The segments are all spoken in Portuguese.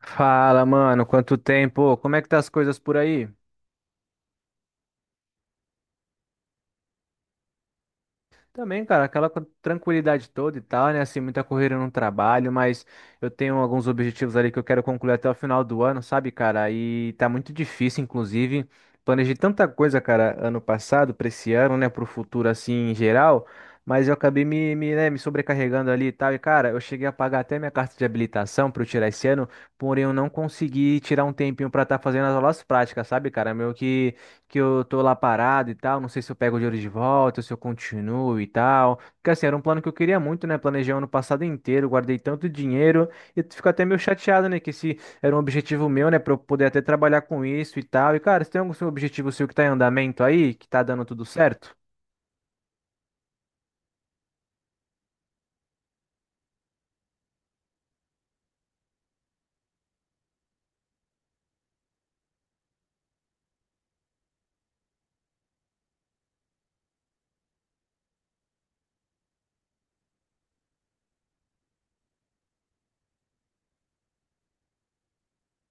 Fala, mano, quanto tempo? Como é que tá as coisas por aí? Também, cara, aquela tranquilidade toda e tal, né? Assim, muita correria no trabalho, mas eu tenho alguns objetivos ali que eu quero concluir até o final do ano, sabe, cara? E tá muito difícil, inclusive. Planejei tanta coisa, cara, ano passado, pra esse ano, né? Pro futuro, assim, em geral, mas eu acabei me sobrecarregando ali e tal. E, cara, eu cheguei a pagar até minha carta de habilitação pra eu tirar esse ano, porém eu não consegui tirar um tempinho pra estar fazendo as aulas práticas, sabe, cara? Meio que eu tô lá parado e tal, não sei se eu pego o dinheiro de volta, se eu continuo e tal. Porque assim, era um plano que eu queria muito, né? Planejei o ano passado inteiro, guardei tanto dinheiro e eu fico até meio chateado, né? Que esse era um objetivo meu, né? Pra eu poder até trabalhar com isso e tal. E cara, você tem algum seu objetivo seu que tá em andamento aí, que tá dando tudo certo?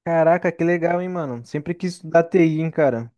Caraca, que legal, hein, mano? Sempre quis estudar TI, hein, cara.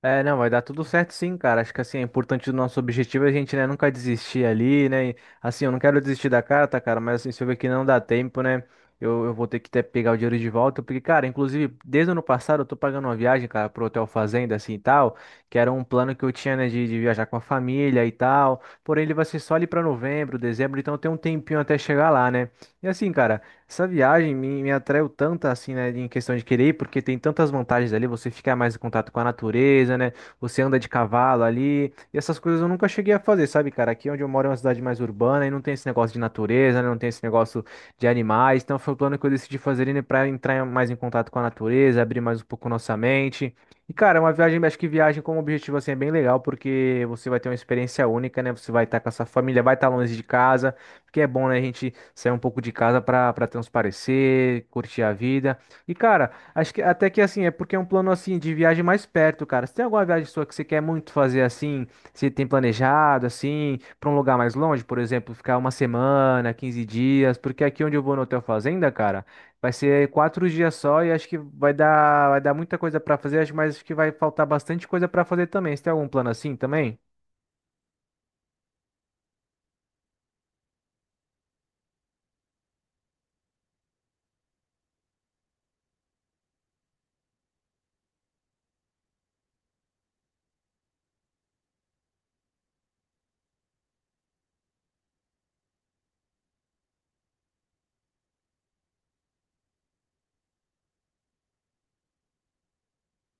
É, não, vai dar tudo certo sim, cara. Acho que assim, é importante o nosso objetivo é a gente, né, nunca desistir ali, né? E, assim, eu não quero desistir da carta, cara, mas assim, se eu ver que não dá tempo, né? Eu vou ter que até pegar o dinheiro de volta, porque, cara, inclusive, desde o ano passado eu tô pagando uma viagem, cara, pro Hotel Fazenda, assim e tal, que era um plano que eu tinha, né, de viajar com a família e tal. Porém, ele vai ser só ali pra novembro, dezembro, então tem um tempinho até chegar lá, né? E assim, cara. Essa viagem me atraiu tanto assim, né, em questão de querer ir, porque tem tantas vantagens ali, você fica mais em contato com a natureza, né, você anda de cavalo ali, e essas coisas eu nunca cheguei a fazer, sabe, cara? Aqui é onde eu moro é uma cidade mais urbana e não tem esse negócio de natureza, né, não tem esse negócio de animais, então foi o plano que eu decidi fazer, né, pra entrar mais em contato com a natureza, abrir mais um pouco nossa mente. E, cara, é uma viagem, acho que viagem como objetivo, assim, é bem legal, porque você vai ter uma experiência única, né, você vai estar com a sua família, vai estar longe de casa, porque é bom, né, a gente sair um pouco de casa pra para transparecer, curtir a vida. E cara, acho que até que assim, é porque é um plano assim de viagem mais perto, cara. Você tem alguma viagem sua que você quer muito fazer assim, você tem planejado assim, pra um lugar mais longe, por exemplo, ficar uma semana, 15 dias, porque aqui onde eu vou no Hotel Fazenda, cara, vai ser 4 dias só e acho que vai dar muita coisa pra fazer, mas acho que vai faltar bastante coisa pra fazer também. Você tem algum plano assim também?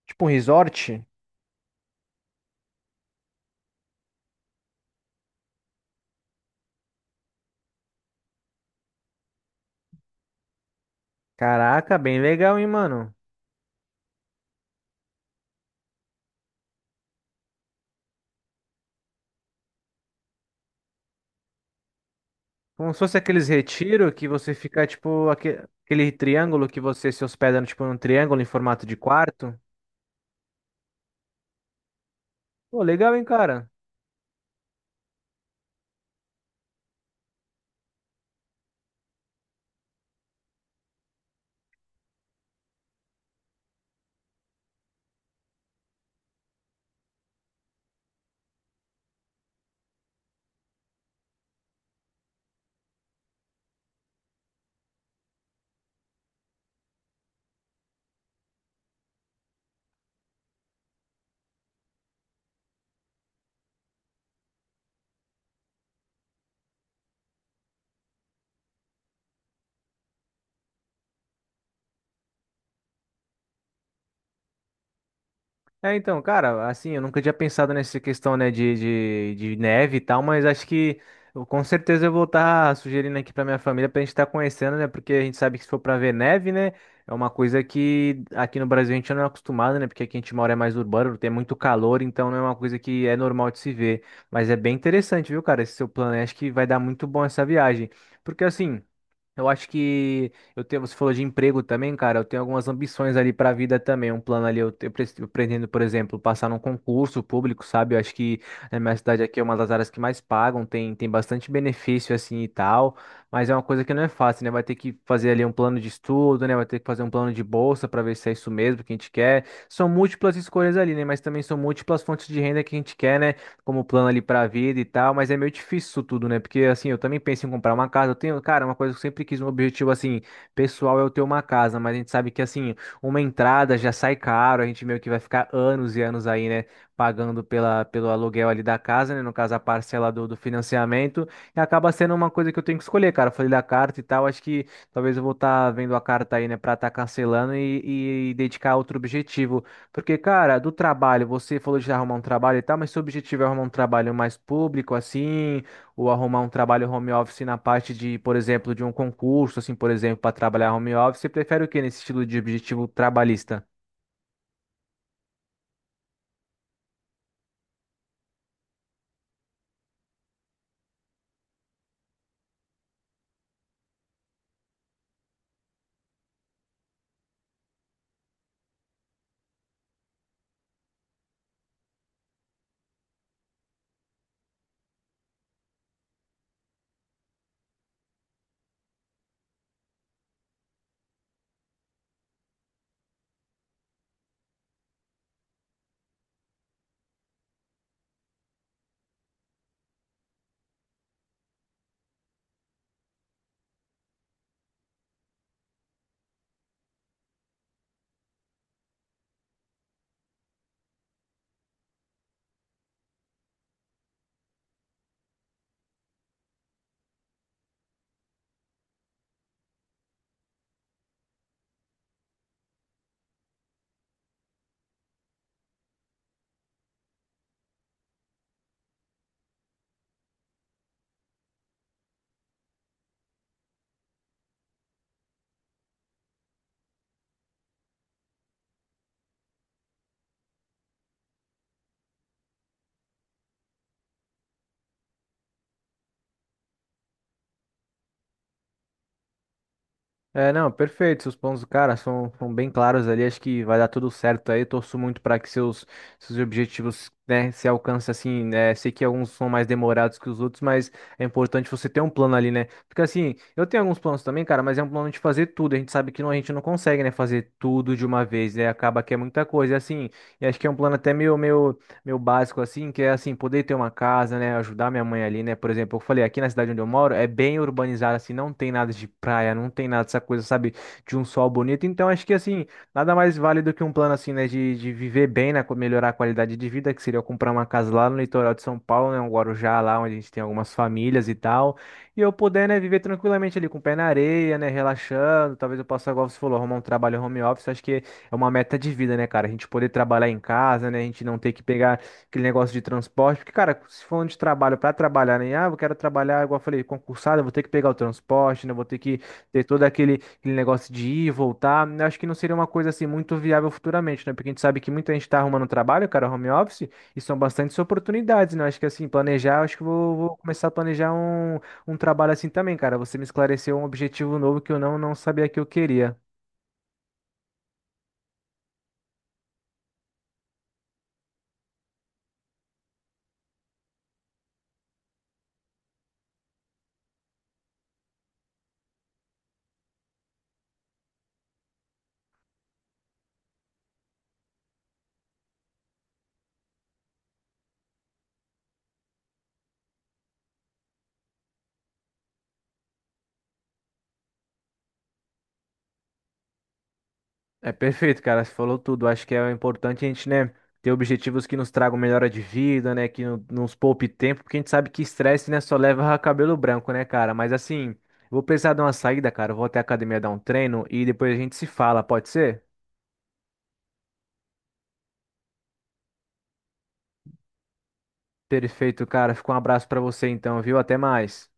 Tipo um resort? Caraca, bem legal, hein, mano? Como se fosse aqueles retiro que você fica, tipo, aquele triângulo que você se hospeda, tipo, num triângulo em formato de quarto. Pô, legal, hein, cara? É, então, cara, assim, eu nunca tinha pensado nessa questão, né, de neve e tal, mas acho que eu, com certeza eu vou estar sugerindo aqui pra minha família pra gente estar conhecendo, né, porque a gente sabe que se for pra ver neve, né, é uma coisa que aqui no Brasil a gente não é acostumado, né, porque aqui a gente mora é mais urbano, tem muito calor, então não é uma coisa que é normal de se ver, mas é bem interessante, viu, cara, esse seu plano, aí, acho que vai dar muito bom essa viagem, porque assim. Eu acho que eu tenho, você falou de emprego também, cara. Eu tenho algumas ambições ali para a vida também. Um plano ali, eu, te- eu pres- eu pretendo, por exemplo, passar num concurso público, sabe? Eu acho que na minha cidade aqui é uma das áreas que mais pagam, tem bastante benefício assim e tal, mas é uma coisa que não é fácil, né? Vai ter que fazer ali um plano de estudo, né? Vai ter que fazer um plano de bolsa para ver se é isso mesmo que a gente quer. São múltiplas escolhas ali, né? Mas também são múltiplas fontes de renda que a gente quer, né? Como plano ali pra vida e tal, mas é meio difícil isso tudo, né? Porque assim, eu também penso em comprar uma casa. Eu tenho, cara, uma coisa que eu sempre quis, um objetivo assim, pessoal é eu ter uma casa, mas a gente sabe que assim, uma entrada já sai caro, a gente meio que vai ficar anos e anos aí, né? Pagando pela, pelo aluguel ali da casa, né? No caso, a parcela do financiamento. E acaba sendo uma coisa que eu tenho que escolher, cara. Eu falei da carta e tal. Acho que talvez eu vou estar vendo a carta aí, né? Pra estar cancelando e dedicar a outro objetivo. Porque, cara, do trabalho, você falou de arrumar um trabalho e tal, mas seu objetivo é arrumar um trabalho mais público, assim, ou arrumar um trabalho home office na parte de, por exemplo, de um concurso, assim, por exemplo, para trabalhar home office, você prefere o quê nesse estilo de objetivo trabalhista? É, não, perfeito. Seus pontos, cara, são bem claros ali. Acho que vai dar tudo certo aí. Torço muito para que seus objetivos, né, se alcancem assim, né? Sei que alguns são mais demorados que os outros, mas é importante você ter um plano ali, né? Porque assim, eu tenho alguns planos também, cara, mas é um plano de fazer tudo. A gente sabe que não, a gente não consegue, né, fazer tudo de uma vez, né? Acaba que é muita coisa. E assim, e acho que é um plano até meio meu básico assim, que é assim, poder ter uma casa, né, ajudar minha mãe ali, né? Por exemplo, eu falei, aqui na cidade onde eu moro é bem urbanizada assim, não tem nada de praia, não tem nada dessa coisa, sabe, de um sol bonito. Então, acho que assim, nada mais válido que um plano assim, né, de viver bem, né, melhorar a qualidade de vida, que seria eu comprar uma casa lá no litoral de São Paulo, né, um Guarujá lá onde a gente tem algumas famílias e tal, e eu poder, né, viver tranquilamente ali com o pé na areia, né, relaxando. Talvez eu possa, igual você falou, arrumar um trabalho home office. Acho que é uma meta de vida, né, cara? A gente poder trabalhar em casa, né? A gente não ter que pegar aquele negócio de transporte. Porque, cara, se for de trabalho para trabalhar, né? Ah, eu quero trabalhar, igual eu falei, concursado, eu vou ter que pegar o transporte, né? eu vou ter que ter todo aquele negócio de ir e voltar. Eu acho que não seria uma coisa assim muito viável futuramente, né? Porque a gente sabe que muita gente tá arrumando trabalho, cara, home office, e são bastantes oportunidades, né? Eu acho que assim, planejar, eu acho que vou começar a planejar um, um trabalho assim também, cara. Você me esclareceu um objetivo novo que eu não sabia que eu queria. É perfeito, cara. Você falou tudo. Acho que é importante a gente, né, ter objetivos que nos tragam melhora de vida, né, que nos poupe tempo, porque a gente sabe que estresse, né, só leva a cabelo branco, né, cara? Mas assim, vou precisar de uma saída, cara. Eu vou até a academia dar um treino e depois a gente se fala, pode ser? Perfeito, cara. Fica um abraço pra você então, viu? Até mais.